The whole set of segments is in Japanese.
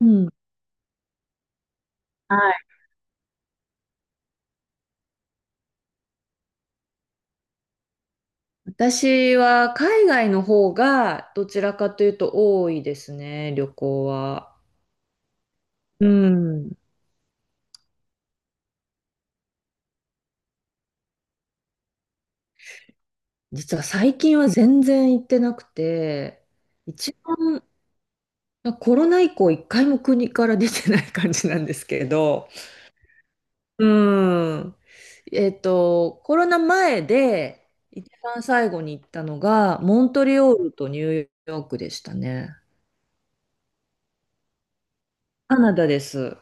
うん。はい。私は海外の方がどちらかというと多いですね、旅行は。うん。実は最近は全然行ってなくて、一番コロナ以降一回も国から出てない感じなんですけど、うん。コロナ前で一番最後に行ったのがモントリオールとニューヨークでしたね。カナダです。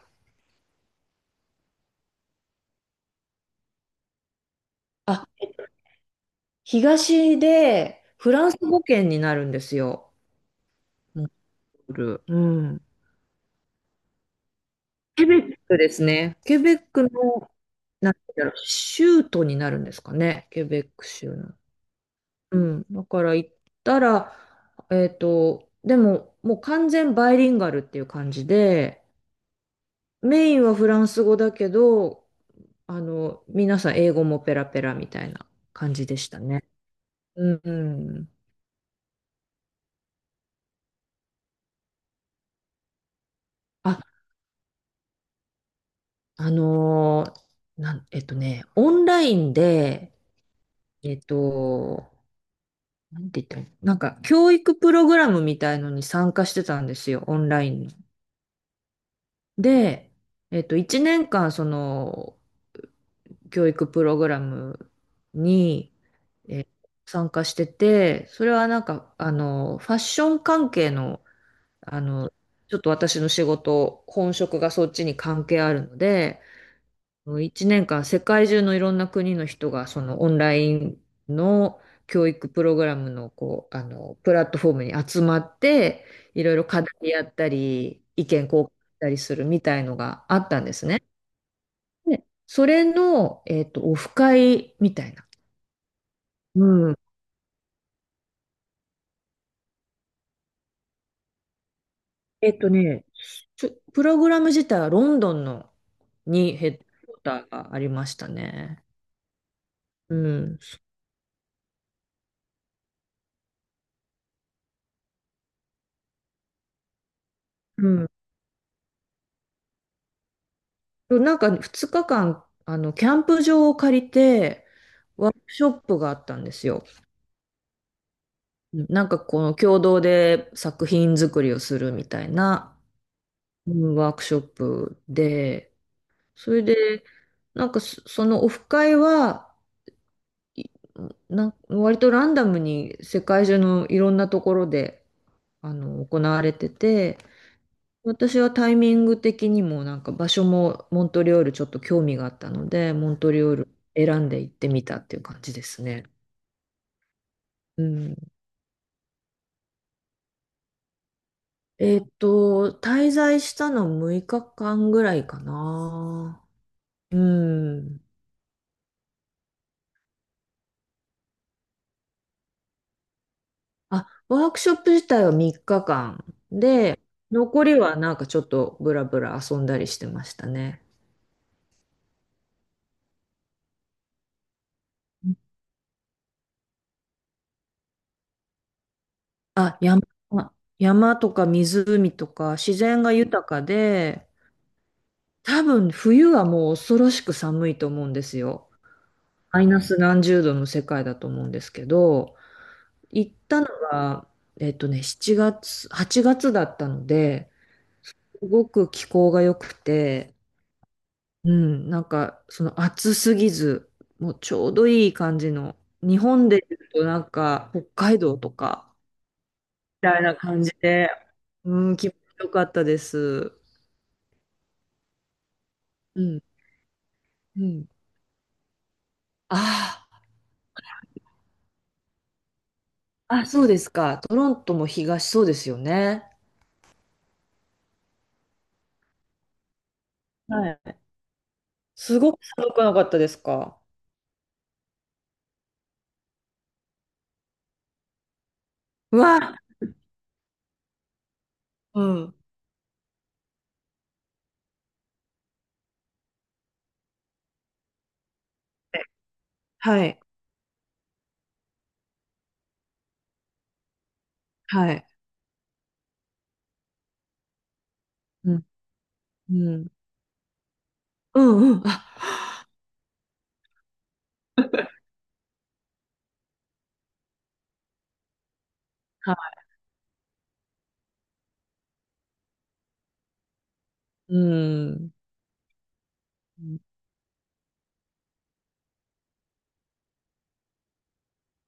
あ、東でフランス語圏になるんですよ。モンゴル。うん。そうですね。ケベックの、なんて言うんだろう、州都になるんですかね。ケベック州の。うん。だから行ったら、でも、もう完全バイリンガルっていう感じで、メインはフランス語だけど、皆さん英語もペラペラみたいな感じでしたね。うん。あ、あのーなん、えっとね、オンラインで、えっと、なんて言ったらいいの、なんか、教育プログラムみたいのに参加してたんですよ、オンラインの。で、1年間、その、教育プログラムに、えー参加してて、それはなんか、ファッション関係の、あの、ちょっと私の仕事、本職がそっちに関係あるので、1年間世界中のいろんな国の人がそのオンラインの教育プログラムのこう、プラットフォームに集まって、いろいろ課題やったり、意見交換したりするみたいのがあったんですね。で、それの、オフ会みたいな。うん。えっとね、プログラム自体はロンドンのにヘッドクォーターがありましたね。うん。うん、なんか2日間、キャンプ場を借りて、ワークショップがあったんですよ。なんかこの共同で作品作りをするみたいな、うん、ワークショップで、それで、そのオフ会は、いなん割とランダムに世界中のいろんなところで、行われてて、私はタイミング的にもなんか場所もモントリオールちょっと興味があったので、モントリオール選んで行ってみたっていう感じですね。うん。滞在したの6日間ぐらいかな。うん。あ、ワークショップ自体は3日間で、残りはなんかちょっとブラブラ遊んだりしてましたね。あ、山、山とか湖とか自然が豊かで、多分冬はもう恐ろしく寒いと思うんですよ。マイナス何十度の世界だと思うんですけど、行ったのが、7月、8月だったので、すごく気候が良くて、うん、なんかその暑すぎず、もうちょうどいい感じの、日本で言うとなんか北海道とか、みたいな感じで、うん、気持ちよかったです。うん、うん。ああ、あ、そうですか。トロントも東そうですよね。はい。すごく寒くなかったですか？うわ、うん。はい、はい。うん。うん。うんうん。あ、はい。うん。うん。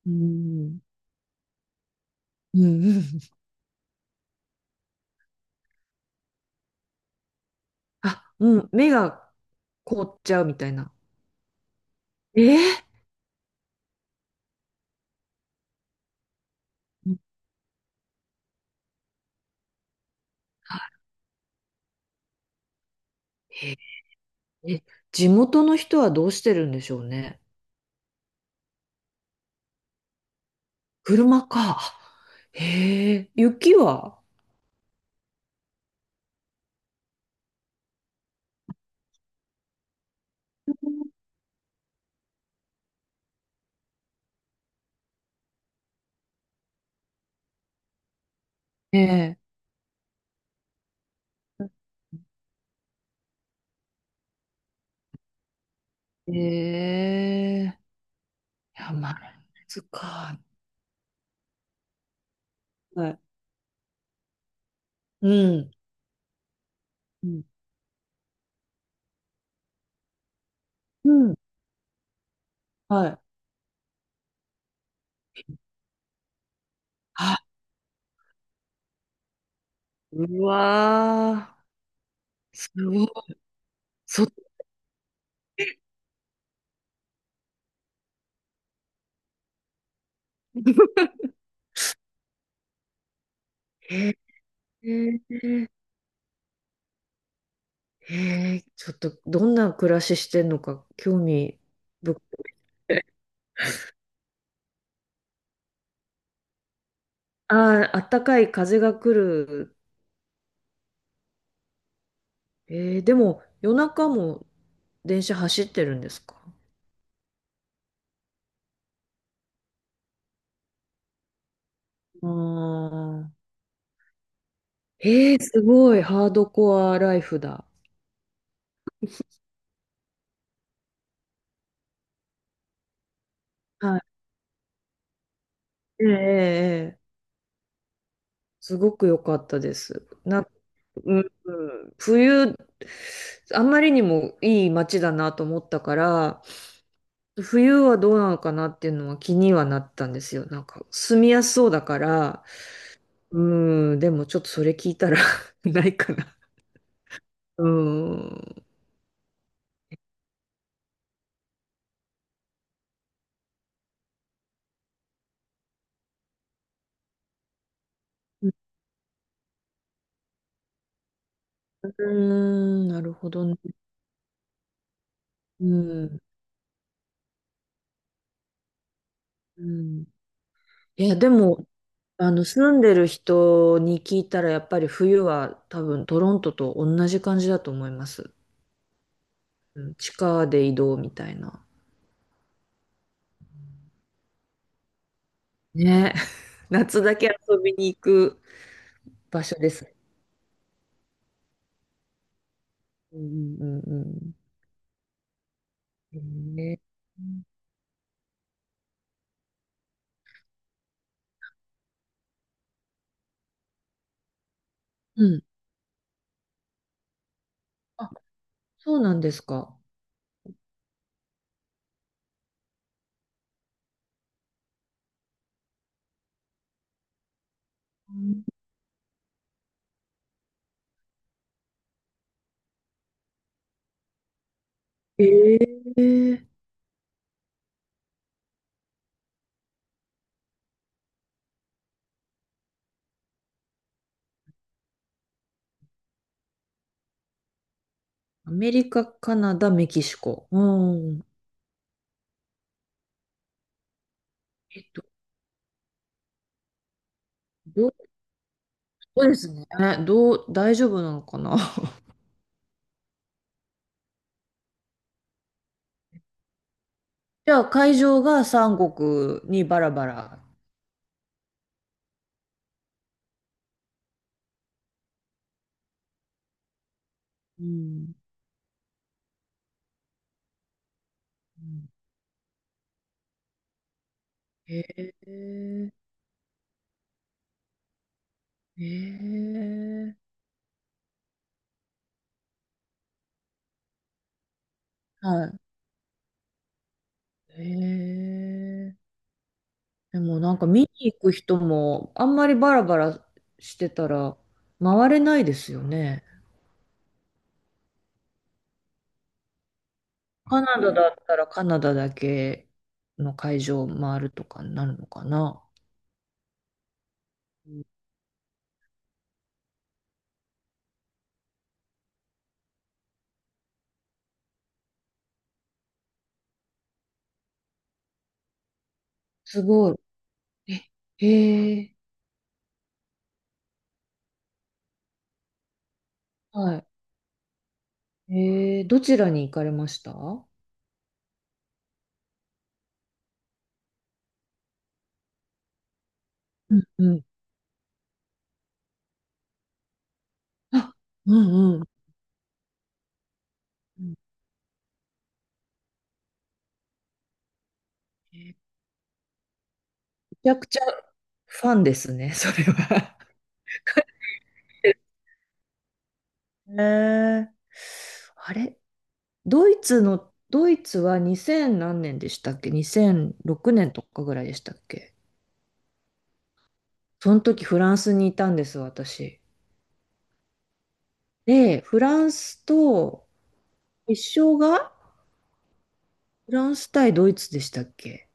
うんうん。あ、うん。目が凍っちゃうみたいな。えー、うん、あ、へー、え、地元の人はどうしてるんでしょうね。車か。へえ、雪は？ええ、ええ、いや、まあ、そっか。はい。うん。うん。うん、はい。あ、うわー、すごい。そ、へえ、へえ、ちょっとどんな暮らししてんのか興味深い。ああ、あったかい風が来る。えー、でも夜中も電車走ってるんですか？ああー。えー、すごい、ハードコアライフだ。はい。ええええ。ええ、すごく良かったです。うん、うん、冬、あんまりにもいい街だなと思ったから、冬はどうなのかなっていうのは気にはなったんですよ。なんか、住みやすそうだから、うん、でもちょっとそれ聞いたら ないかな。うん。うーん、なるほどね。うん。うん。いや、でも、住んでる人に聞いたら、やっぱり冬は多分トロントと同じ感じだと思います。うん、地下で移動みたいな。ね。夏だけ遊びに行く場所ですね。うんうんうん、うん。えー、うん。あ、そうなんですか。うん、ええ、アメリカ、カナダ、メキシコ。うん。えっと、どう、そうですね。え、どう、大丈夫なのかな。じゃあ、会場が三国にバラバラ。うん。うん、へえ、へえ、はい。へえ。でもなんか見に行く人もあんまりバラバラしてたら回れないですよね。カナダだったらカナダだけの会場を回るとかになるのかな。うん、すごい。え、へえ、はい。えー、どちらに行かれました？うんうん。あ、うんうん。うん、えー、めちゃくちゃファンですね、それは。えー、あれドイツの、ドイツは2000何年でしたっけ？ 2006 年とかぐらいでしたっけ？その時フランスにいたんです、私。で、フランスと、決勝がフランス対ドイツでしたっけ？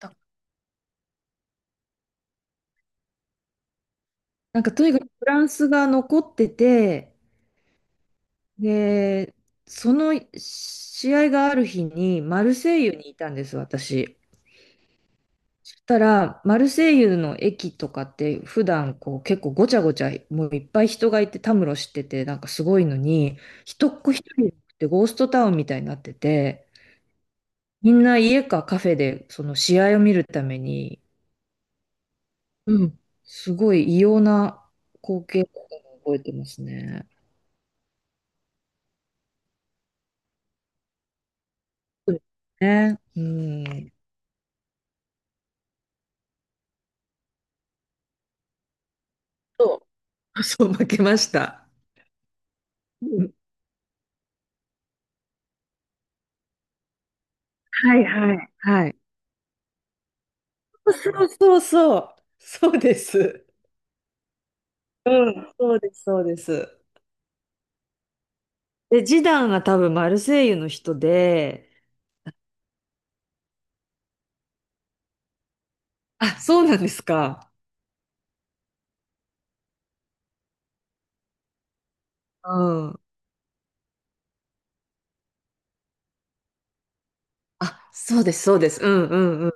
たなんかとにかくフランスが残ってて、で、その試合がある日にマルセイユにいたんです、私。そしたら、マルセイユの駅とかって普段こう結構ごちゃごちゃ、もういっぱい人がいてたむろしてて、なんかすごいのに、一っ子一人でゴーストタウンみたいになってて、みんな家かカフェでその試合を見るために、うん。すごい異様な光景だったのを覚えてますね。そうですね。うん。そう、 そう、負けました。うん、はいはい。はい。そうそうそう。そうです。うん、そうです、そうです。で、ジダンが多分マルセイユの人で、あ、そうなんですか。うん。あ、そうです、そうです。うんうんうん。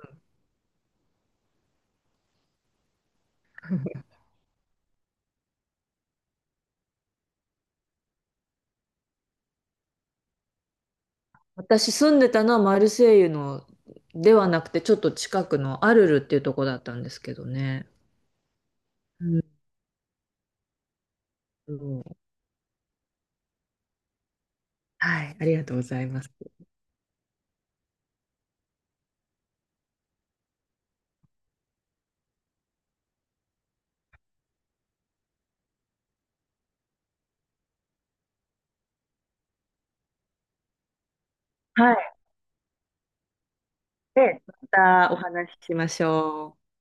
私住んでたのはマルセイユのではなくて、ちょっと近くのアルルっていうとこだったんですけどね。うんうん、はい、ありがとうございます。はい。で、またお話ししましょう。